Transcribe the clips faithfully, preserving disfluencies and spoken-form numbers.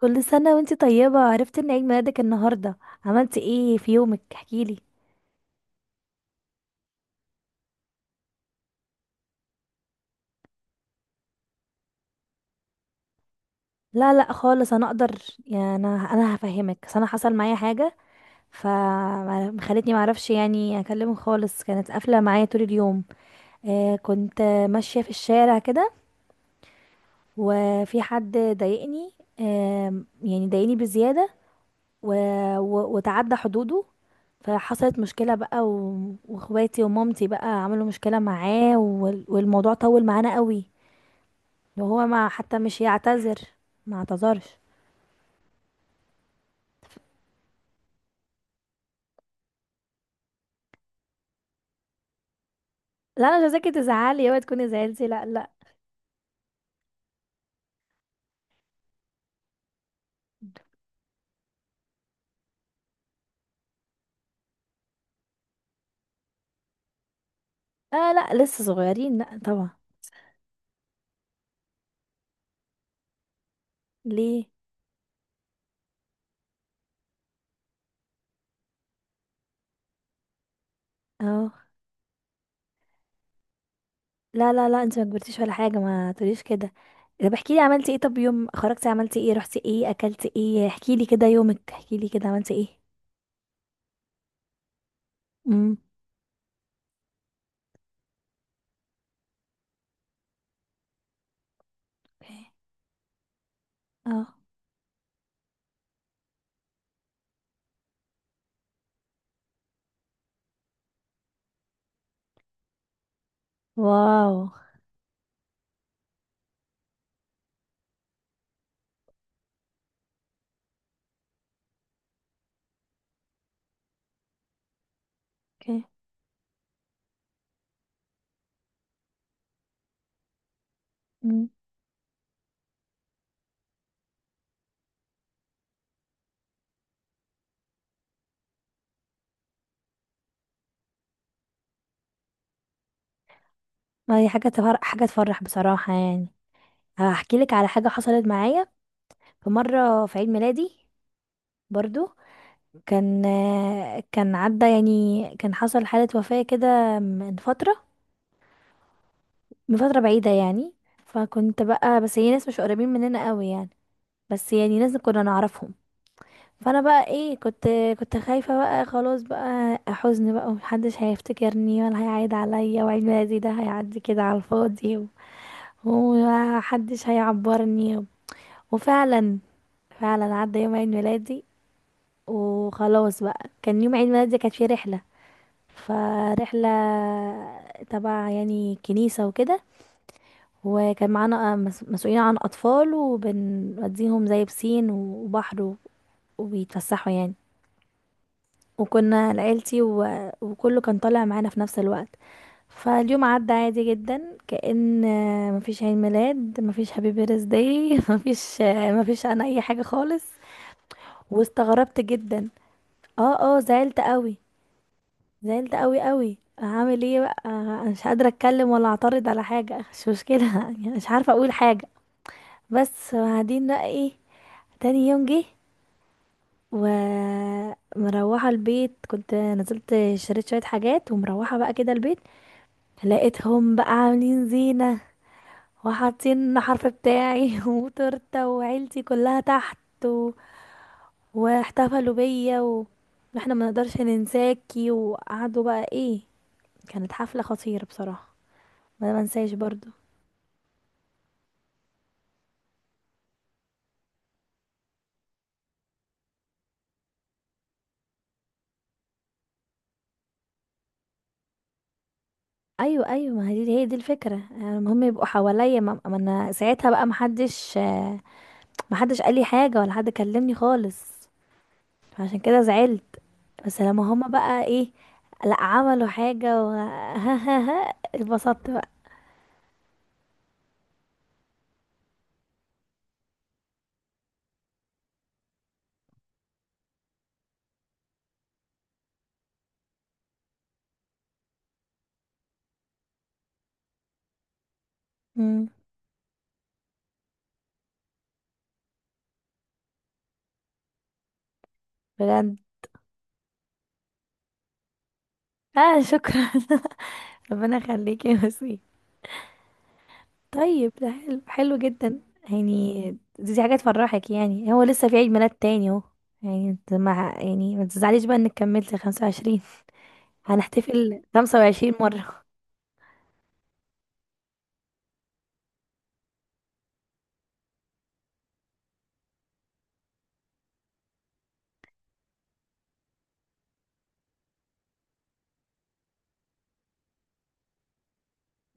كل سنة وانتي طيبة، عرفت ان عيد ميلادك النهاردة. عملتي ايه في يومك؟ احكيلي. لا لا خالص، انا اقدر. يعني انا انا هفهمك، بس انا حصل معايا حاجة فخلتني معرفش يعني اكلمه خالص، كانت قافلة معايا طول اليوم. آه كنت ماشية في الشارع كده، وفي حد ضايقني، آه يعني ضايقني بزيادة، و... و... وتعدى حدوده، فحصلت مشكلة بقى، و... واخواتي ومامتي بقى عملوا مشكلة معاه، وال... والموضوع طول معانا قوي. لو هو ما حتى مش يعتذر، ما اعتذرش. لا، انا مش عايزاكي تزعلي، اوعي تكوني زعلتي، لا لا. آه، لا، لسه صغيرين، لا طبعا. ليه؟ اه، لا لا لا، انت ما كبرتيش ولا حاجه، ما تقوليش كده. طب احكي لي عملتي ايه، طب يوم خرجتي عملتي ايه، رحتي ايه، اكلتي ايه، احكي لي كده يومك، احكي لي كده عملتي ايه. امم. اوكي. اه. واو. اوكي. امم. ما هي حاجه تفرح، حاجه تفرح بصراحه يعني. هحكي لك على حاجه حصلت معايا. في مره في عيد ميلادي برضو، كان كان عدى يعني، كان حصل حالة وفاة كده من فترة من فترة بعيدة يعني. فكنت بقى، بس هي ناس مش قريبين مننا قوي يعني، بس يعني ناس كنا نعرفهم. فانا بقى ايه، كنت كنت خايفة بقى، خلاص بقى حزن بقى، ومحدش هيفتكرني ولا هيعيد عليا، وعيد ميلادي ده هيعدي كده على الفاضي و- ومحدش هيعبرني. وفعلا، فعلا عدى يوم عيد ميلادي، وخلاص بقى كان يوم عيد ميلادي كانت فيه رحلة، فرحلة تبع يعني كنيسة وكده، وكان معانا مس- مسؤولين عن أطفال وبنوديهم زي بسين وبحر و- وبيتفسحوا يعني، وكنا لعيلتي، و... وكله كان طالع معانا في نفس الوقت. فاليوم عدى عادي جدا، كأن مفيش عيد ميلاد، مفيش هابي بيرث داي مفيش مفيش انا اي حاجة خالص. واستغربت جدا. اه، اه، زعلت قوي، زعلت قوي قوي. هعمل ايه بقى؟ آه، مش قادره اتكلم ولا اعترض على حاجه، مش مشكله يعني مش عارفه اقول حاجه. بس وبعدين بقى ايه، تاني يوم جه ومروحه البيت، كنت نزلت شريت شويه حاجات ومروحه بقى كده البيت، لقيتهم بقى عاملين زينه وحاطين الحرف بتاعي وتورته، وعيلتي كلها تحت، و... واحتفلوا بيا، و... واحنا ما نقدرش ننساكي. وقعدوا بقى ايه، كانت حفله خطيره بصراحه، ما أنا منساش برضو. ايوه ايوه، ما هي دي، هي دي الفكره، آه، المهم يبقوا حواليا، ما ما انا ساعتها بقى محدش، آه، محدش قال لي حاجه ولا حد كلمني خالص، عشان كده زعلت. بس لما هما بقى ايه، لا عملوا حاجه و ها ها ها، اتبسطت بقى. امم. بجد. اه، شكرا ربنا يخليكي يا وسيم. طيب، ده حلو، حلو جدا يعني. دي, دي حاجه تفرحك يعني، هو لسه في عيد ميلاد تاني اهو يعني، انت مع يعني ما تزعليش بقى انك كملت خمسة وعشرين، هنحتفل خمس وعشرين مرة.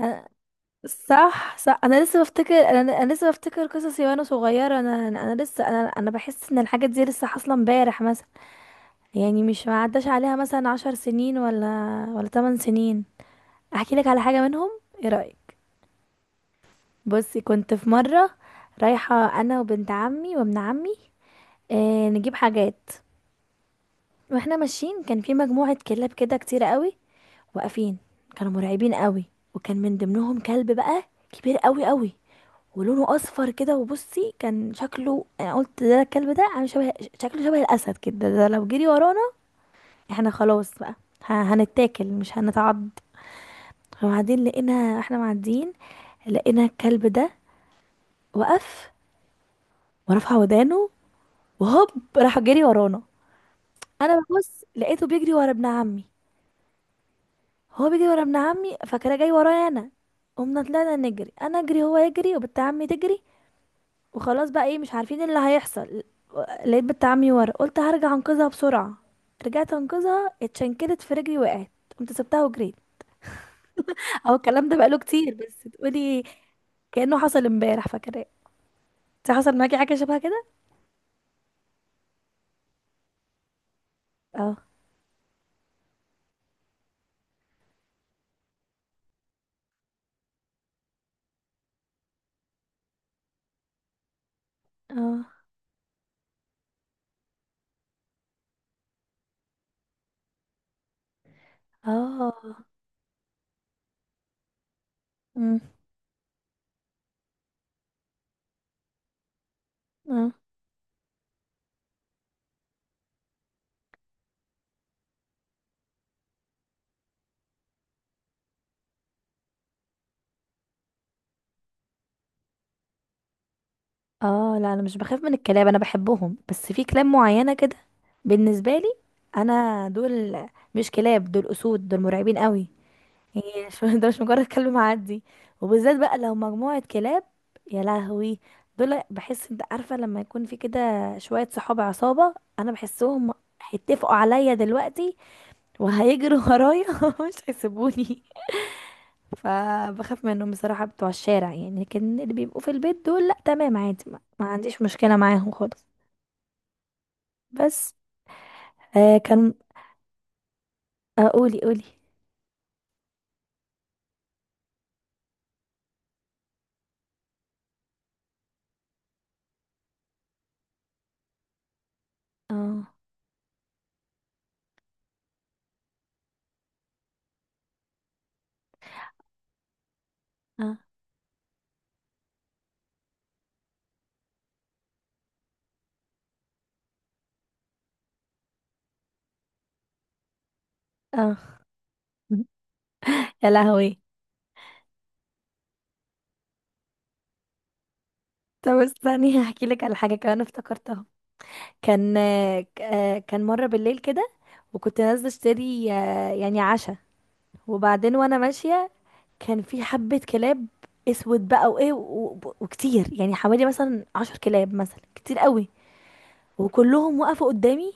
أنا- صح صح، انا لسه بفتكر انا انا لسه بفتكر قصصي، وانا صغيرة، انا انا أنا لسه انا انا بحس ان الحاجات دي لسه حاصلة امبارح مثلا، يعني مش ما عداش عليها مثلا عشر سنين، ولا ولا تمن سنين. احكي لك على حاجة منهم، ايه رأيك؟ بصي، كنت في مرة رايحة انا وبنت عمي وابن عمي، آه نجيب حاجات، واحنا ماشيين كان في مجموعة كلاب كده كتير قوي، واقفين، كانوا مرعبين قوي، وكان من ضمنهم كلب بقى كبير قوي قوي، ولونه اصفر كده، وبصي كان شكله، انا قلت ده الكلب ده عامل شبه، شكله شبه الاسد كده، ده لو جري ورانا احنا خلاص بقى، ه- هنتاكل مش هنتعض. وبعدين لقينا احنا معديين لقينا الكلب ده وقف ورفع ودانه، وهوب، راح جري ورانا. انا ببص لقيته بيجري ورا ابن عمي، هو بيجري ورا ابن عمي، فكده جاي ورايا انا. قمنا طلعنا نجري، انا اجري، هو يجري، وبنت عمي تجري. وخلاص بقى ايه، مش عارفين اللي هيحصل. لقيت بنت عمي ورا، قلت هرجع انقذها بسرعه، رجعت انقذها، اتشنكلت في رجلي، وقعت، قمت سبتها وجريت. اهو الكلام ده بقاله كتير، بس تقولي كأنه حصل امبارح، فاكراه. انت حصل معاكي حاجه شبه كده؟ اه، اه، اه. أمم. اه، اه. لا انا مش بخاف من الكلاب، انا بحبهم، بس في كلاب معينة كده بالنسبة لي، انا دول مش كلاب، دول اسود، دول مرعبين قوي، يعني شو ده مش مجرد كلب معدي، وبالذات بقى لو مجموعة كلاب، يا لهوي، دول بحس انت عارفة، لما يكون في كده شوية صحاب عصابة، انا بحسهم هيتفقوا عليا دلوقتي وهيجروا ورايا ومش هيسيبوني. فبخاف منهم بصراحة بتوع الشارع يعني، لكن اللي بيبقوا في البيت دول لا، تمام، عادي، ما, ما عنديش مشكلة معاهم خالص. بس. آه كان آه قولي قولي. اه، اه، اه يا لهوي. طب استني هحكي لك على حاجة كمان افتكرتها. كان آه ك- آه، كان مرة بالليل كده، وكنت نازلة اشتري آه يعني عشاء، وبعدين وانا ماشية كان في حبة كلاب اسود بقى وايه و- و- وكتير يعني حوالي مثلا عشر كلاب مثلا كتير قوي، وكلهم وقفوا قدامي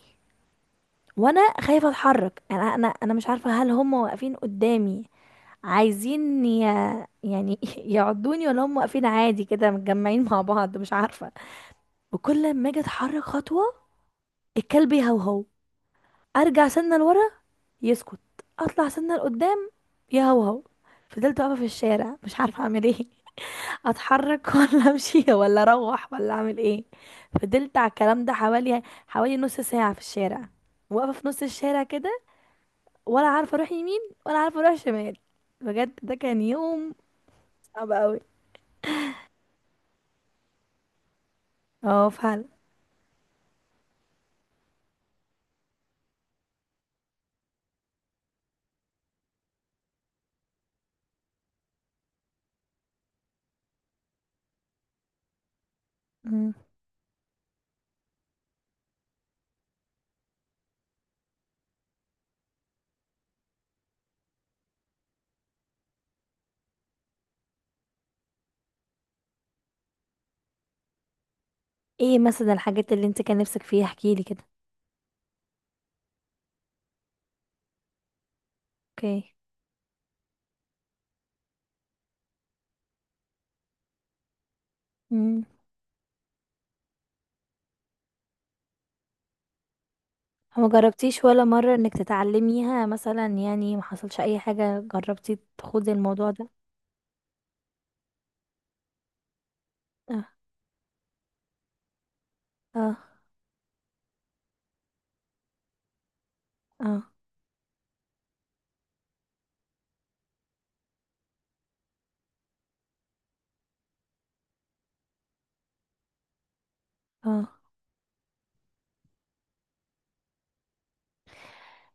وانا خايفه اتحرك، انا انا انا مش عارفه هل هم واقفين قدامي عايزين ي... يعني يعضوني، ولا هم واقفين عادي كده متجمعين مع بعض مش عارفه. وكل ما اجي اتحرك خطوه الكلب يهوهو، ارجع سنه لورا يسكت، اطلع سنه لقدام يهوهو. فضلت واقفه في الشارع مش عارفه اعمل ايه، اتحرك ولا امشي ولا اروح ولا اعمل ايه. فضلت على الكلام ده حوالي حوالي نص ساعه في الشارع، واقفه في نص الشارع كده، ولا عارفه اروح يمين، ولا عارفه اروح شمال. بجد ده كان يوم صعب قوي. اه، فعلا. مم. ايه مثلا الحاجات اللي انت كان نفسك فيها، احكيلي كده؟ اوكي. مم. ما جربتيش ولا مره انك تتعلميها مثلا يعني، ما حصلش اي حاجه، جربتي تخوضي الموضوع ده؟ اه، اه، اه، اه.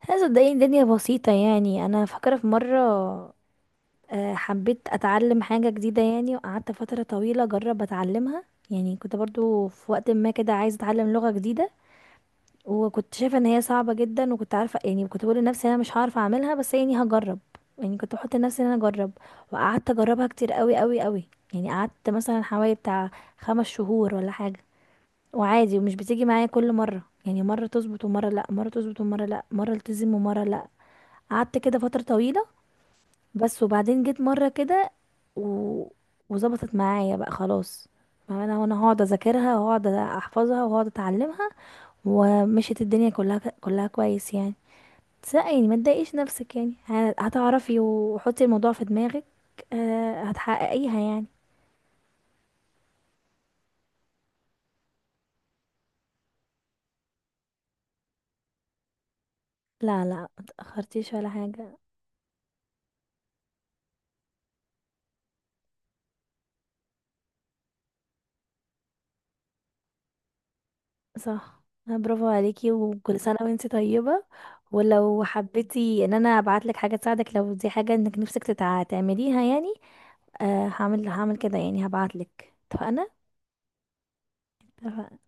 لا صدقيني، الدنيا بسيطه يعني، انا فاكره في مره آه، حبيت اتعلم حاجه جديده يعني، وقعدت فتره طويله اجرب اتعلمها، يعني كنت برضو في وقت ما كده عايزه اتعلم لغه جديده، وكنت شايفه ان هي صعبه جدا، وكنت عارفه يعني، كنت بقول لنفسي انا مش هعرف اعملها، بس يعني هجرب، يعني كنت بحط لنفسي ان انا اجرب. وقعدت اجربها كتير قوي قوي قوي، يعني قعدت مثلا حوالي بتاع خمس شهور ولا حاجه، وعادي ومش بتيجي معايا كل مره، يعني مره تظبط ومره لا، مره تظبط ومره لا، مره التزم ومره لا، قعدت كده فتره طويله. بس وبعدين جيت مره كده و... وظبطت معايا بقى خلاص، ما انا وانا هقعد اذاكرها وهقعد احفظها وهقعد اتعلمها، ومشيت الدنيا كلها كلها كويس يعني. بس لا يعني، ما تضايقيش نفسك يعني، ه- هتعرفي وحطي الموضوع في دماغك، آه، هتحققيها يعني. لا لا ما تأخرتيش ولا حاجة. صح. آه، برافو عليكي، وكل سنة وانتي طيبة. ولو حبيتي ان انا ابعتلك حاجة تساعدك، لو دي حاجة انك نفسك تتع- تعمليها يعني، آه، هعمل هعمل كده يعني هبعتلك، اتفقنا؟ اتفقنا.